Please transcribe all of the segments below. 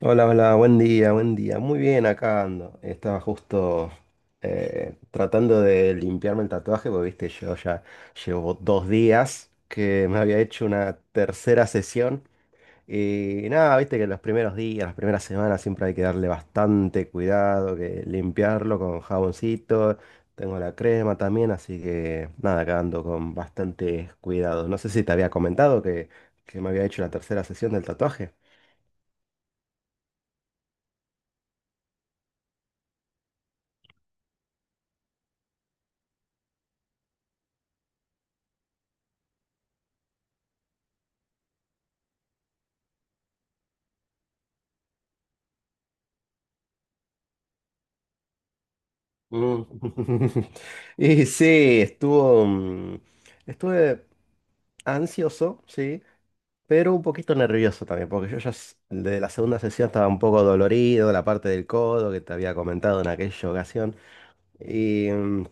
Hola, hola, buen día, buen día. Muy bien, acá ando. Estaba justo tratando de limpiarme el tatuaje, porque viste, yo ya llevo 2 días que me había hecho una tercera sesión. Y nada, viste que los primeros días, las primeras semanas siempre hay que darle bastante cuidado, que limpiarlo con jaboncito. Tengo la crema también, así que nada, acá ando con bastante cuidado. No sé si te había comentado que me había hecho la tercera sesión del tatuaje. Mm. Y sí, estuve ansioso, sí, pero un poquito nervioso también, porque yo ya de la segunda sesión estaba un poco dolorido, la parte del codo que te había comentado en aquella ocasión. Y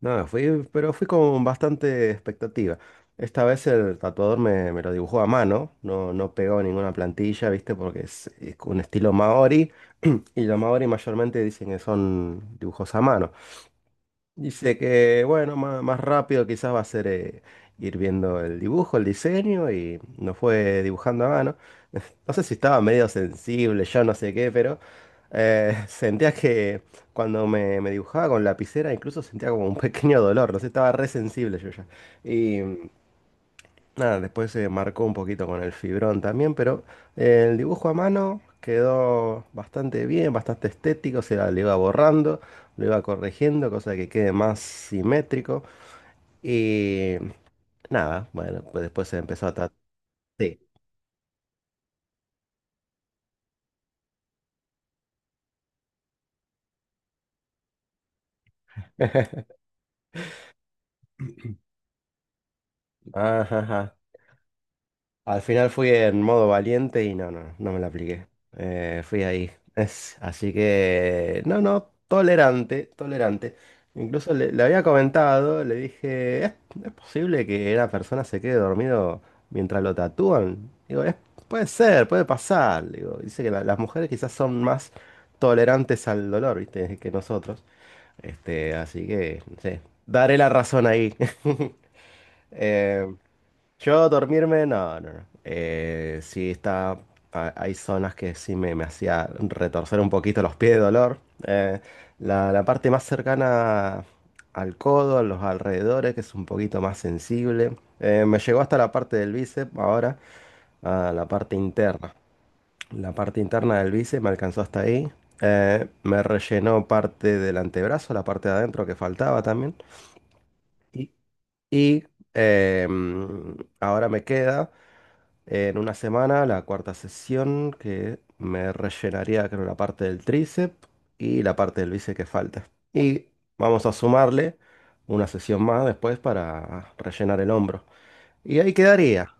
nada, fui, pero fui con bastante expectativa. Esta vez el tatuador me lo dibujó a mano, no, no pegó ninguna plantilla, ¿viste? Porque es un estilo maori, y los maori mayormente dicen que son dibujos a mano. Dice que, bueno, más, rápido quizás va a ser, ir viendo el dibujo, el diseño y nos fue dibujando a mano. No sé si estaba medio sensible, yo no sé qué, pero sentía que cuando me dibujaba con lapicera incluso sentía como un pequeño dolor, no sé, estaba re sensible yo ya. Y nada, después se marcó un poquito con el fibrón también, pero el dibujo a mano quedó bastante bien, bastante estético, o sea, lo iba borrando, lo iba corrigiendo, cosa que quede más simétrico. Y nada, bueno, pues después se empezó a tratar. Sí. Ajá, ajá. Al final fui en modo valiente y no, no, no me la apliqué. Fui ahí. Así que, no, no, tolerante, tolerante. Incluso le había comentado, le dije, ¿es posible que una persona se quede dormido mientras lo tatúan? Digo, puede ser, puede pasar. Le Digo, dice que las mujeres quizás son más tolerantes al dolor, ¿viste? Que nosotros. Así que, no sé, daré la razón ahí. Eh, yo dormirme, no, no, no. Sí está, hay zonas que sí me hacía retorcer un poquito los pies de dolor. Eh, la parte más cercana al codo, a los alrededores, que es un poquito más sensible. Me llegó hasta la parte del bíceps, ahora a la parte interna. La parte interna del bíceps me alcanzó hasta ahí. Me rellenó parte del antebrazo, la parte de adentro que faltaba también. Y, y, Ahora me queda. En una semana, la cuarta sesión, que me rellenaría creo la parte del tríceps y la parte del bíceps que falta. Y vamos a sumarle una sesión más después para rellenar el hombro. Y ahí quedaría.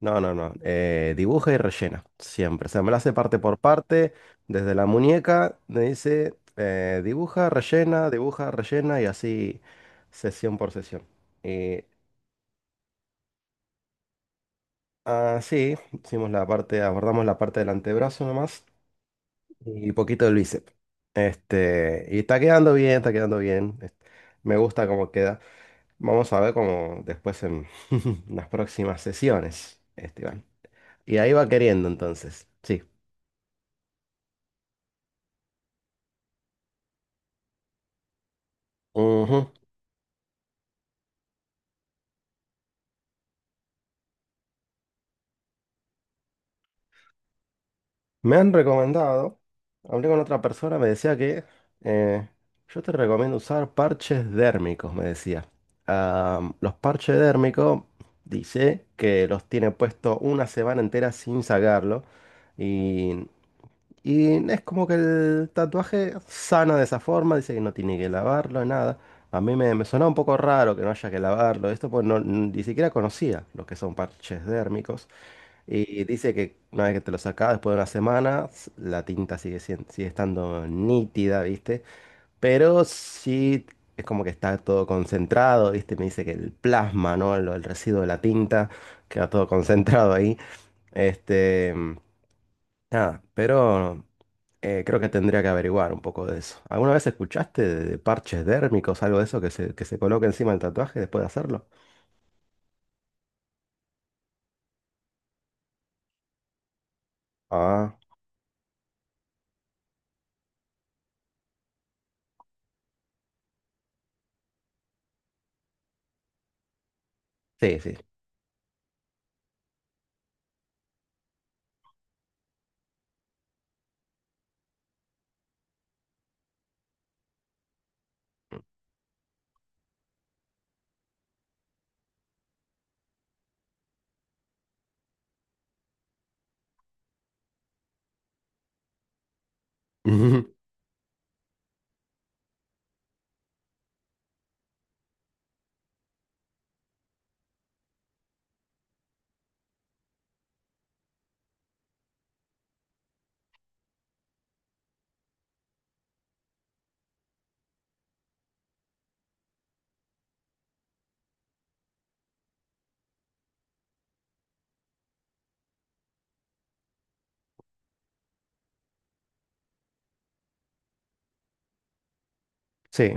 No, no, no. Dibuja y rellena. Siempre. O sea, me la hace parte por parte. Desde la muñeca me dice, dibuja, rellena y así sesión por sesión. Y así hicimos la parte, abordamos la parte del antebrazo nomás. Y poquito de bíceps. Y está quedando bien, está quedando bien. Me gusta cómo queda. Vamos a ver cómo después en las próximas sesiones, Esteban. Y ahí va queriendo entonces. Sí. Ujú. Me han recomendado, hablé con otra persona, me decía que, eh, yo te recomiendo usar parches dérmicos, me decía. Ah, los parches dérmicos, dice que los tiene puesto una semana entera sin sacarlo. Y Y es como que el tatuaje sana de esa forma, dice que no tiene que lavarlo, nada. A mí me sonaba un poco raro que no haya que lavarlo, esto pues no, ni siquiera conocía lo que son parches dérmicos. Y dice que una vez que te lo sacas, después de una semana, la tinta sigue, sigue estando nítida, ¿viste? Pero sí es como que está todo concentrado, ¿viste? Me dice que el plasma, ¿no? El residuo de la tinta queda todo concentrado ahí. Este, Nada, pero. Creo que tendría que averiguar un poco de eso. ¿Alguna vez escuchaste de, parches dérmicos, algo de eso que se coloca encima del tatuaje después de hacerlo? Ah, sí, sí. Ujú. Sí.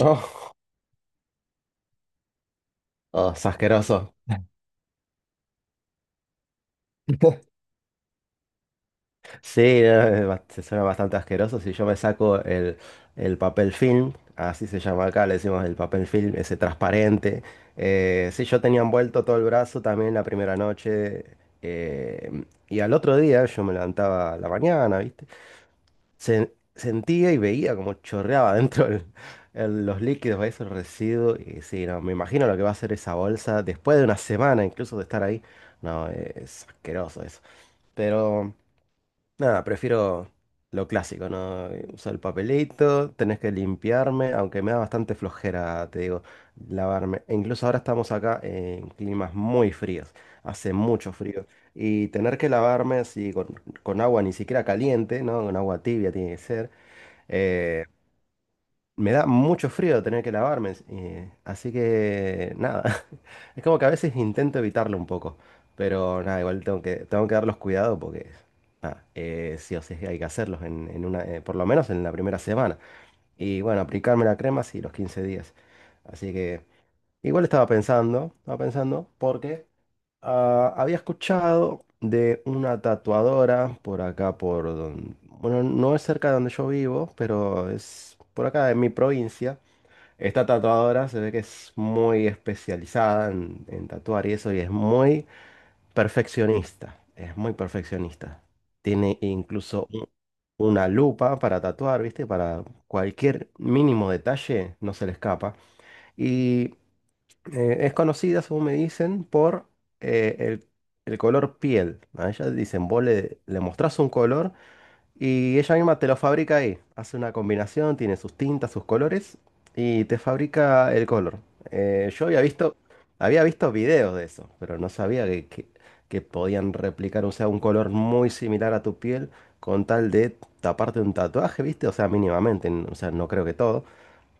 Oh, oh, es asqueroso. Sí, es suena bastante asqueroso. Si yo me saco el papel film, así se llama acá, le decimos el papel film, ese transparente. Sí, yo tenía envuelto todo el brazo también la primera noche. Y al otro día yo me levantaba a la mañana, ¿viste? Sentía y veía como chorreaba dentro los líquidos, ahí esos residuos. Y sí, no, me imagino lo que va a hacer esa bolsa después de una semana incluso de estar ahí. No, es asqueroso eso. Pero nada, prefiero lo clásico, ¿no? Usar el papelito, tenés que limpiarme, aunque me da bastante flojera, te digo, lavarme. E incluso ahora estamos acá en climas muy fríos, hace mucho frío. Y tener que lavarme así con agua ni siquiera caliente, ¿no? Con agua tibia tiene que ser. Eh, Me da mucho frío tener que lavarme, así que nada, es como que a veces intento evitarlo un poco, pero nada, igual tengo que, darlos cuidado porque nada, sí o sí hay que hacerlos por lo menos en la primera semana. Y bueno, aplicarme la crema sí, los 15 días. Así que igual estaba pensando, porque ah, había escuchado de una tatuadora por acá, por donde, bueno, no es cerca de donde yo vivo, pero es por acá en mi provincia. Esta tatuadora se ve que es muy especializada en, tatuar y eso, y es muy perfeccionista, es muy perfeccionista. Tiene incluso una lupa para tatuar, ¿viste? Para cualquier mínimo detalle no se le escapa. Es conocida, según me dicen, por, eh, el, el, color piel. A ella dicen, vos le mostrás un color y ella misma te lo fabrica ahí. Hace una combinación, tiene sus tintas, sus colores y te fabrica el color. Yo había visto videos de eso, pero no sabía que, que podían replicar, o sea, un color muy similar a tu piel con tal de taparte un tatuaje, ¿viste? O sea, mínimamente, o sea, no creo que todo,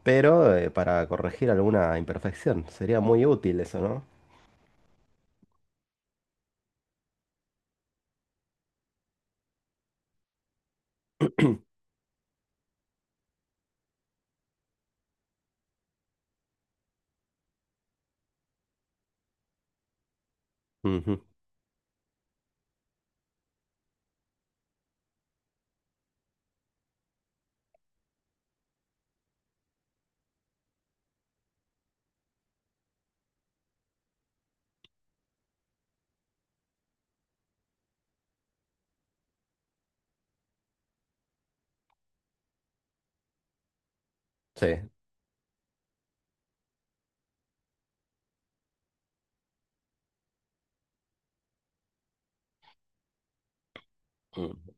pero para corregir alguna imperfección. Sería muy útil eso, ¿no? Ujú. Sí, mm,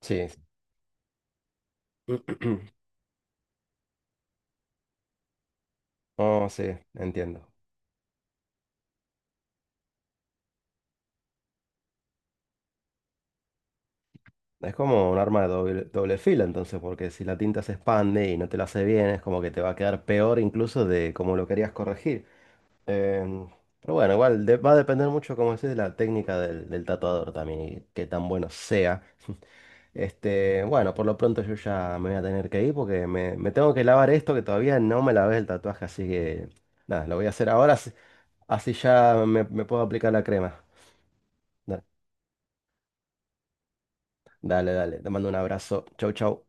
sí. Sí. Oh, sí, entiendo. Es como un arma de doble filo, entonces, porque si la tinta se expande y no te la hace bien, es como que te va a quedar peor incluso de como lo querías corregir. Em, pero bueno, igual va a depender mucho, como decís, de la técnica del tatuador también y qué tan bueno sea. Bueno, por lo pronto yo ya me voy a tener que ir porque me tengo que lavar esto que todavía no me lavé el tatuaje, así que nada, lo voy a hacer ahora, así ya me puedo aplicar la crema. Da- Dale, dale, te mando un abrazo. Chau, chau.